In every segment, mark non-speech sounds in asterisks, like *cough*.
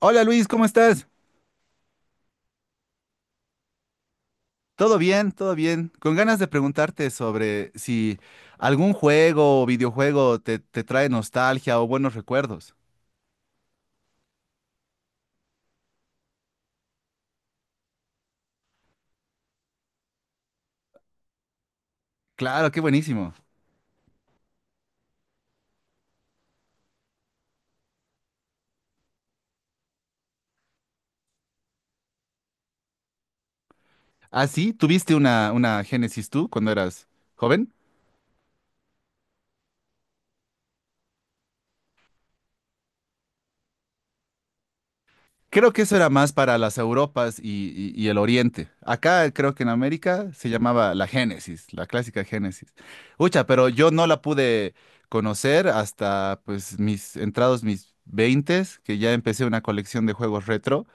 Hola Luis, ¿cómo estás? Todo bien, todo bien. Con ganas de preguntarte sobre si algún juego o videojuego te trae nostalgia o buenos recuerdos. Claro, qué buenísimo. ¿Ah, sí? ¿Tuviste una Génesis tú cuando eras joven? Creo que eso era más para las Europas y el Oriente. Acá creo que en América se llamaba la Génesis, la clásica Génesis. Ucha, pero yo no la pude conocer hasta pues mis entrados mis veintes, que ya empecé una colección de juegos retro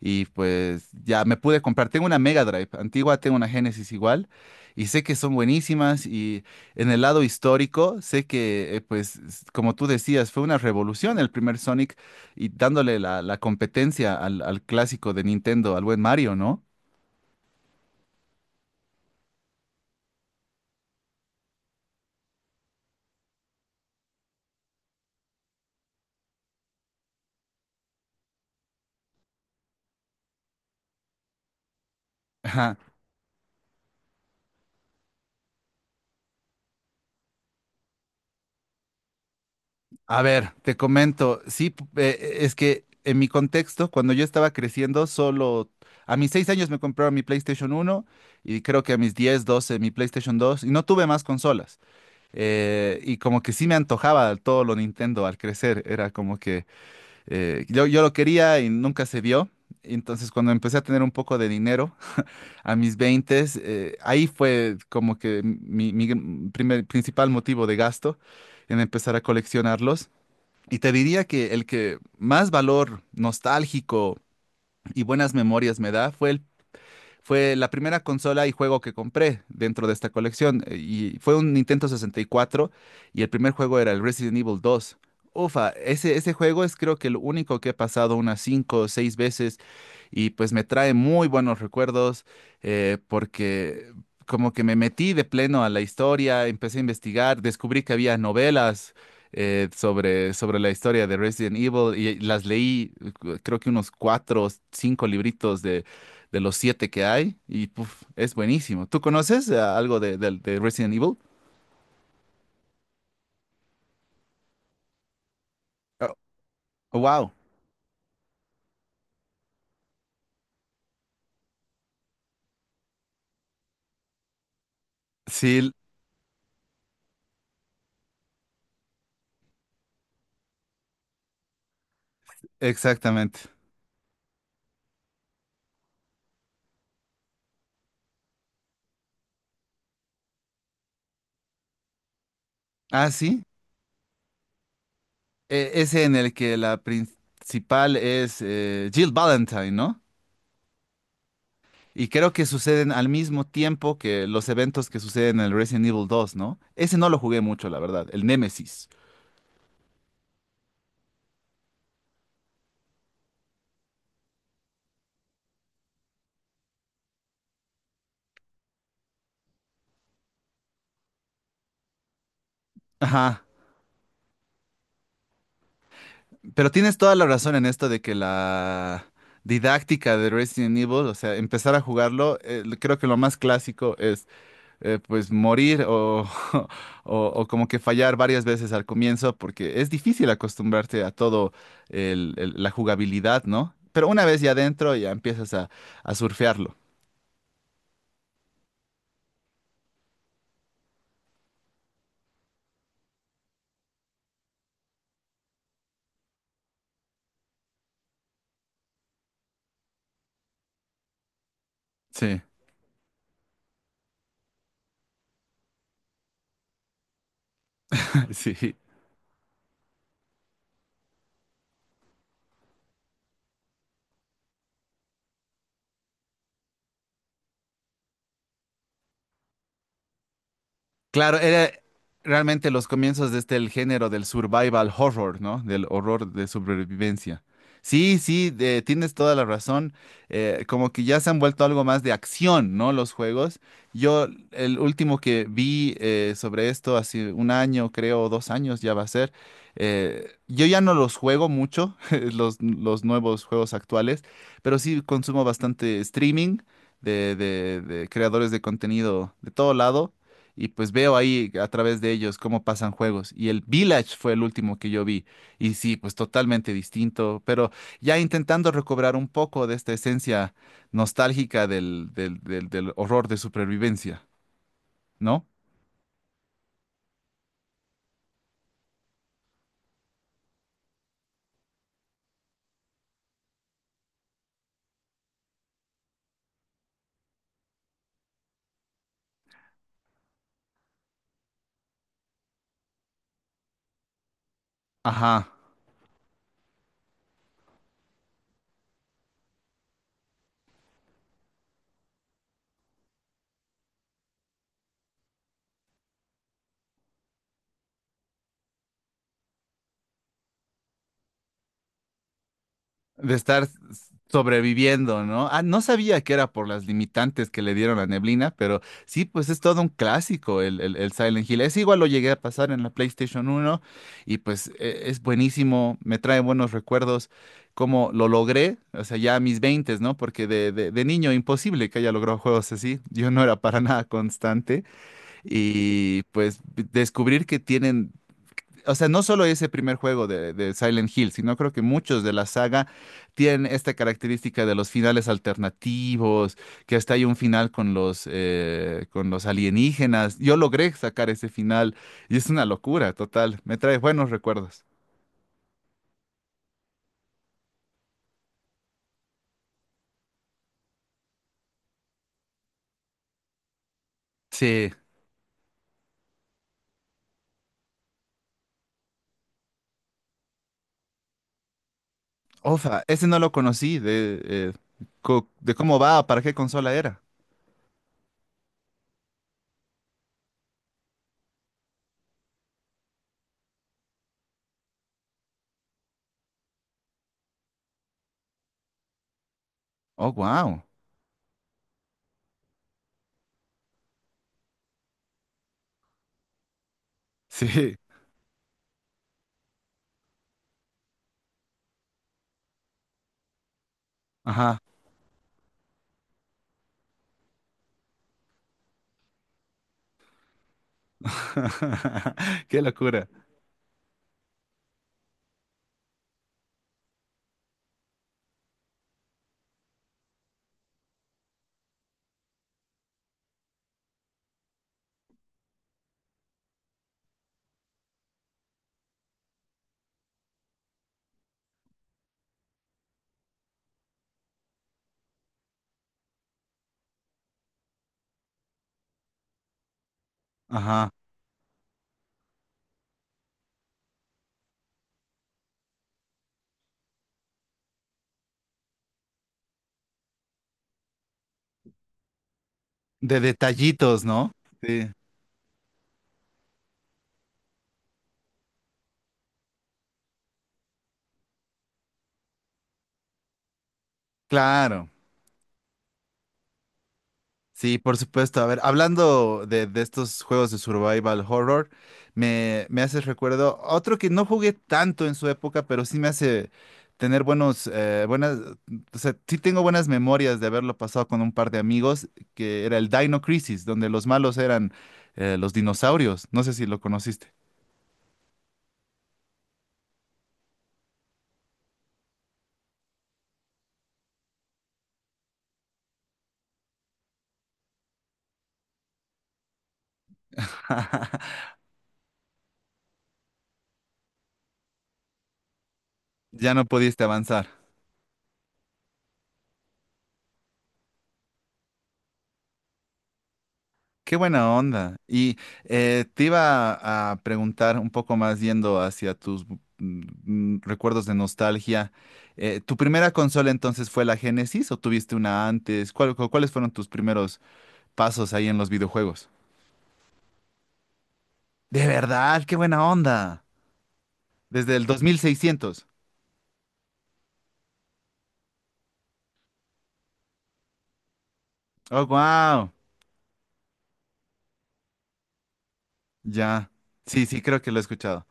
y pues ya me pude comprar. Tengo una Mega Drive antigua, tengo una Genesis igual y sé que son buenísimas y en el lado histórico sé que pues como tú decías fue una revolución el primer Sonic y dándole la competencia al clásico de Nintendo, al buen Mario, ¿no? Ajá. A ver, te comento, sí, es que en mi contexto, cuando yo estaba creciendo, solo a mis seis años me compraron mi PlayStation uno y creo que a mis 10 12 mi PlayStation dos y no tuve más consolas. Y como que sí me antojaba todo lo Nintendo al crecer, era como que yo lo quería y nunca se dio. Entonces cuando empecé a tener un poco de dinero, a mis 20, ahí fue como que mi primer, principal motivo de gasto en empezar a coleccionarlos. Y te diría que el que más valor nostálgico y buenas memorias me da fue la primera consola y juego que compré dentro de esta colección. Y fue un Nintendo sesenta y cuatro y el primer juego era el Resident Evil dos. Ufa, ese juego es creo que el único que he pasado unas 5 o 6 veces y pues me trae muy buenos recuerdos, porque como que me metí de pleno a la historia, empecé a investigar, descubrí que había novelas sobre la historia de Resident Evil y las leí. Creo que unos cuatro o cinco libritos de los siete que hay y puf, es buenísimo. ¿Tú conoces algo de Resident Evil? Oh, wow. Sí, exactamente. Ah, sí. Ese en el que la principal es Jill Valentine, ¿no? Y creo que suceden al mismo tiempo que los eventos que suceden en el Resident Evil 2, ¿no? Ese no lo jugué mucho, la verdad, el Nemesis. Ajá. Pero tienes toda la razón en esto de que la didáctica de Resident Evil, o sea, empezar a jugarlo, creo que lo más clásico es pues morir o, *laughs* o como que fallar varias veces al comienzo, porque es difícil acostumbrarte a todo la jugabilidad, ¿no? Pero una vez ya adentro ya empiezas a surfearlo. Sí, *laughs* sí. Claro, era realmente los comienzos de este el género del survival horror, ¿no? Del horror de sobrevivencia. Sí, sí, tienes toda la razón. Como que ya se han vuelto algo más de acción, ¿no? Los juegos. Yo, el último que vi sobre esto hace un año, creo, o dos años ya va a ser. Yo ya no los juego mucho, *laughs* los nuevos juegos actuales, pero sí consumo bastante streaming de creadores de contenido de todo lado. Y pues veo ahí a través de ellos cómo pasan juegos. Y el Village fue el último que yo vi. Y sí, pues totalmente distinto, pero ya intentando recobrar un poco de esta esencia nostálgica del horror de supervivencia, ¿no? Ajá. De estar sobreviviendo, ¿no? Ah, no sabía que era por las limitantes que le dieron a Neblina, pero sí, pues es todo un clásico el Silent Hill. Es igual lo llegué a pasar en la PlayStation uno y pues es buenísimo, me trae buenos recuerdos, cómo lo logré, o sea, ya a mis 20, ¿no? Porque de niño imposible que haya logrado juegos así, yo no era para nada constante y pues descubrir que tienen... O sea, no solo ese primer juego de Silent Hill, sino creo que muchos de la saga tienen esta característica de los finales alternativos, que hasta hay un final con los alienígenas. Yo logré sacar ese final y es una locura total. Me trae buenos recuerdos. Sí. Ofa, ese no lo conocí de, de cómo va, para qué consola era. Oh, wow. Sí, ajá. *laughs* Qué locura. Ajá. De detallitos, ¿no? Sí, claro. Sí, por supuesto. A ver, hablando de estos juegos de survival horror, me hace recuerdo otro que no jugué tanto en su época, pero sí me hace tener buenos, buenas, o sea, sí tengo buenas memorias de haberlo pasado con un par de amigos, que era el Dino Crisis, donde los malos eran los dinosaurios. No sé si lo conociste. *laughs* Ya no pudiste avanzar. Qué buena onda. Te iba a preguntar un poco más yendo hacia tus recuerdos de nostalgia. ¿Tu primera consola entonces fue la Genesis o tuviste una antes? ¿Cuáles fueron tus primeros pasos ahí en los videojuegos? De verdad, qué buena onda. Desde el dos mil seiscientos. Oh, wow. Ya. Sí, sí, creo que lo he escuchado.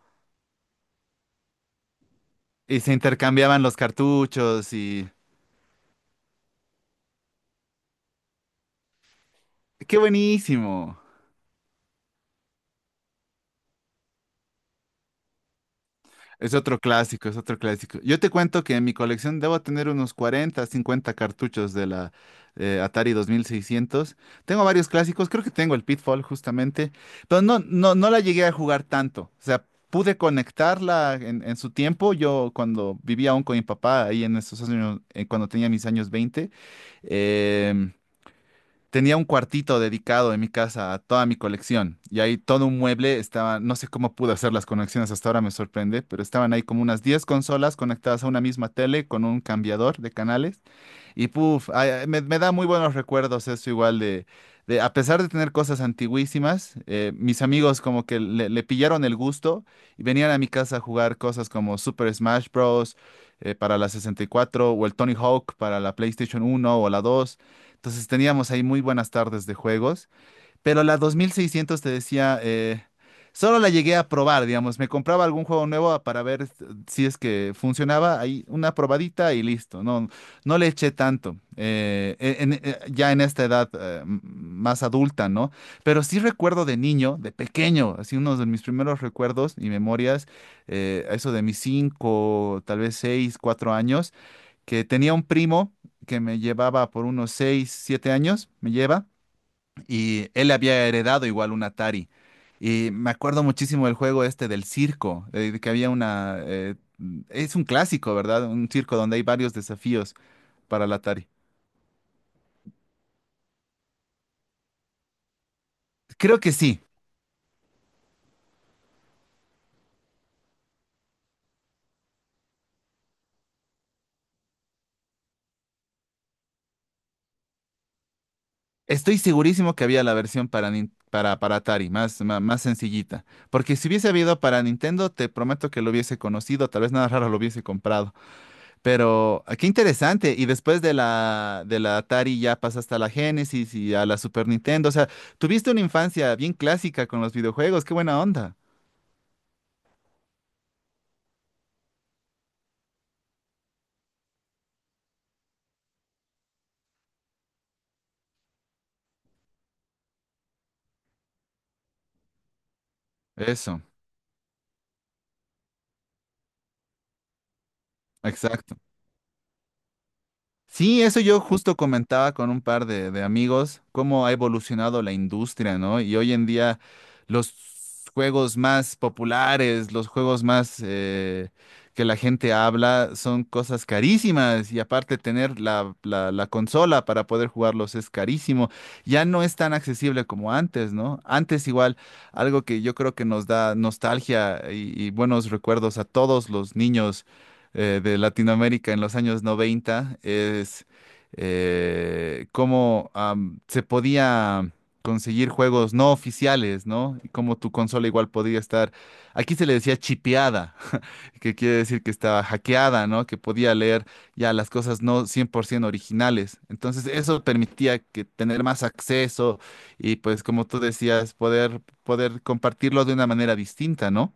Y se intercambiaban los cartuchos y... ¡Qué buenísimo! Es otro clásico, es otro clásico. Yo te cuento que en mi colección debo tener unos 40, 50 cartuchos de la Atari 2600. Tengo varios clásicos, creo que tengo el Pitfall justamente, pero no la llegué a jugar tanto. O sea, pude conectarla en su tiempo. Yo cuando vivía aún con mi papá, ahí en esos años, cuando tenía mis años 20. em, Tenía un cuartito dedicado en mi casa a toda mi colección y ahí todo un mueble estaba, no sé cómo pude hacer las conexiones hasta ahora, me sorprende, pero estaban ahí como unas 10 consolas conectadas a una misma tele con un cambiador de canales y puf, ay, me da muy buenos recuerdos eso igual de a pesar de tener cosas antiguísimas, mis amigos como que le pillaron el gusto y venían a mi casa a jugar cosas como Super Smash Bros. Para la 64 o el Tony Hawk para la PlayStation 1 o la 2. Entonces teníamos ahí muy buenas tardes de juegos. Pero la 2600 te decía, solo la llegué a probar, digamos. Me compraba algún juego nuevo para ver si es que funcionaba. Ahí una probadita y listo. No, no le eché tanto. Ya en esta edad más adulta, ¿no? Pero sí recuerdo de niño, de pequeño, así uno de mis primeros recuerdos y memorias, a eso de mis 5 tal vez 6 4 años, que tenía un primo que me llevaba por unos 6 7 años, me lleva y él había heredado igual un Atari. Y me acuerdo muchísimo del juego este del circo, de que había una... es un clásico, ¿verdad? Un circo donde hay varios desafíos para el Atari. Creo que sí. Estoy segurísimo que había la versión para, para Atari, más, más, sencillita. Porque si hubiese habido para Nintendo, te prometo que lo hubiese conocido, tal vez nada raro lo hubiese comprado. Pero ah, qué interesante. Y después de la Atari ya pasaste a la Genesis y a la Super Nintendo. O sea, tuviste una infancia bien clásica con los videojuegos. Qué buena onda. Eso, exacto. Sí, eso yo justo comentaba con un par de amigos, cómo ha evolucionado la industria, ¿no? Y hoy en día los juegos más populares, los juegos más que la gente habla, son cosas carísimas y aparte tener la consola para poder jugarlos es carísimo. Ya no es tan accesible como antes, ¿no? Antes igual, algo que yo creo que nos da nostalgia y buenos recuerdos a todos los niños de Latinoamérica en los años 90 es cómo se podía conseguir juegos no oficiales, ¿no? Y cómo tu consola igual podía estar, aquí se le decía chipeada, *laughs* que quiere decir que estaba hackeada, ¿no? Que podía leer ya las cosas no 100% originales. Entonces eso permitía que tener más acceso y pues como tú decías, poder, poder compartirlo de una manera distinta, ¿no?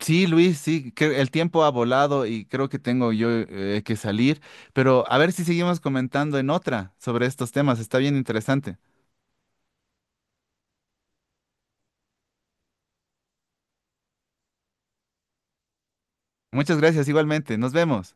Sí, Luis, sí, que el tiempo ha volado y creo que tengo yo que salir, pero a ver si seguimos comentando en otra sobre estos temas, está bien interesante. Muchas gracias igualmente, nos vemos.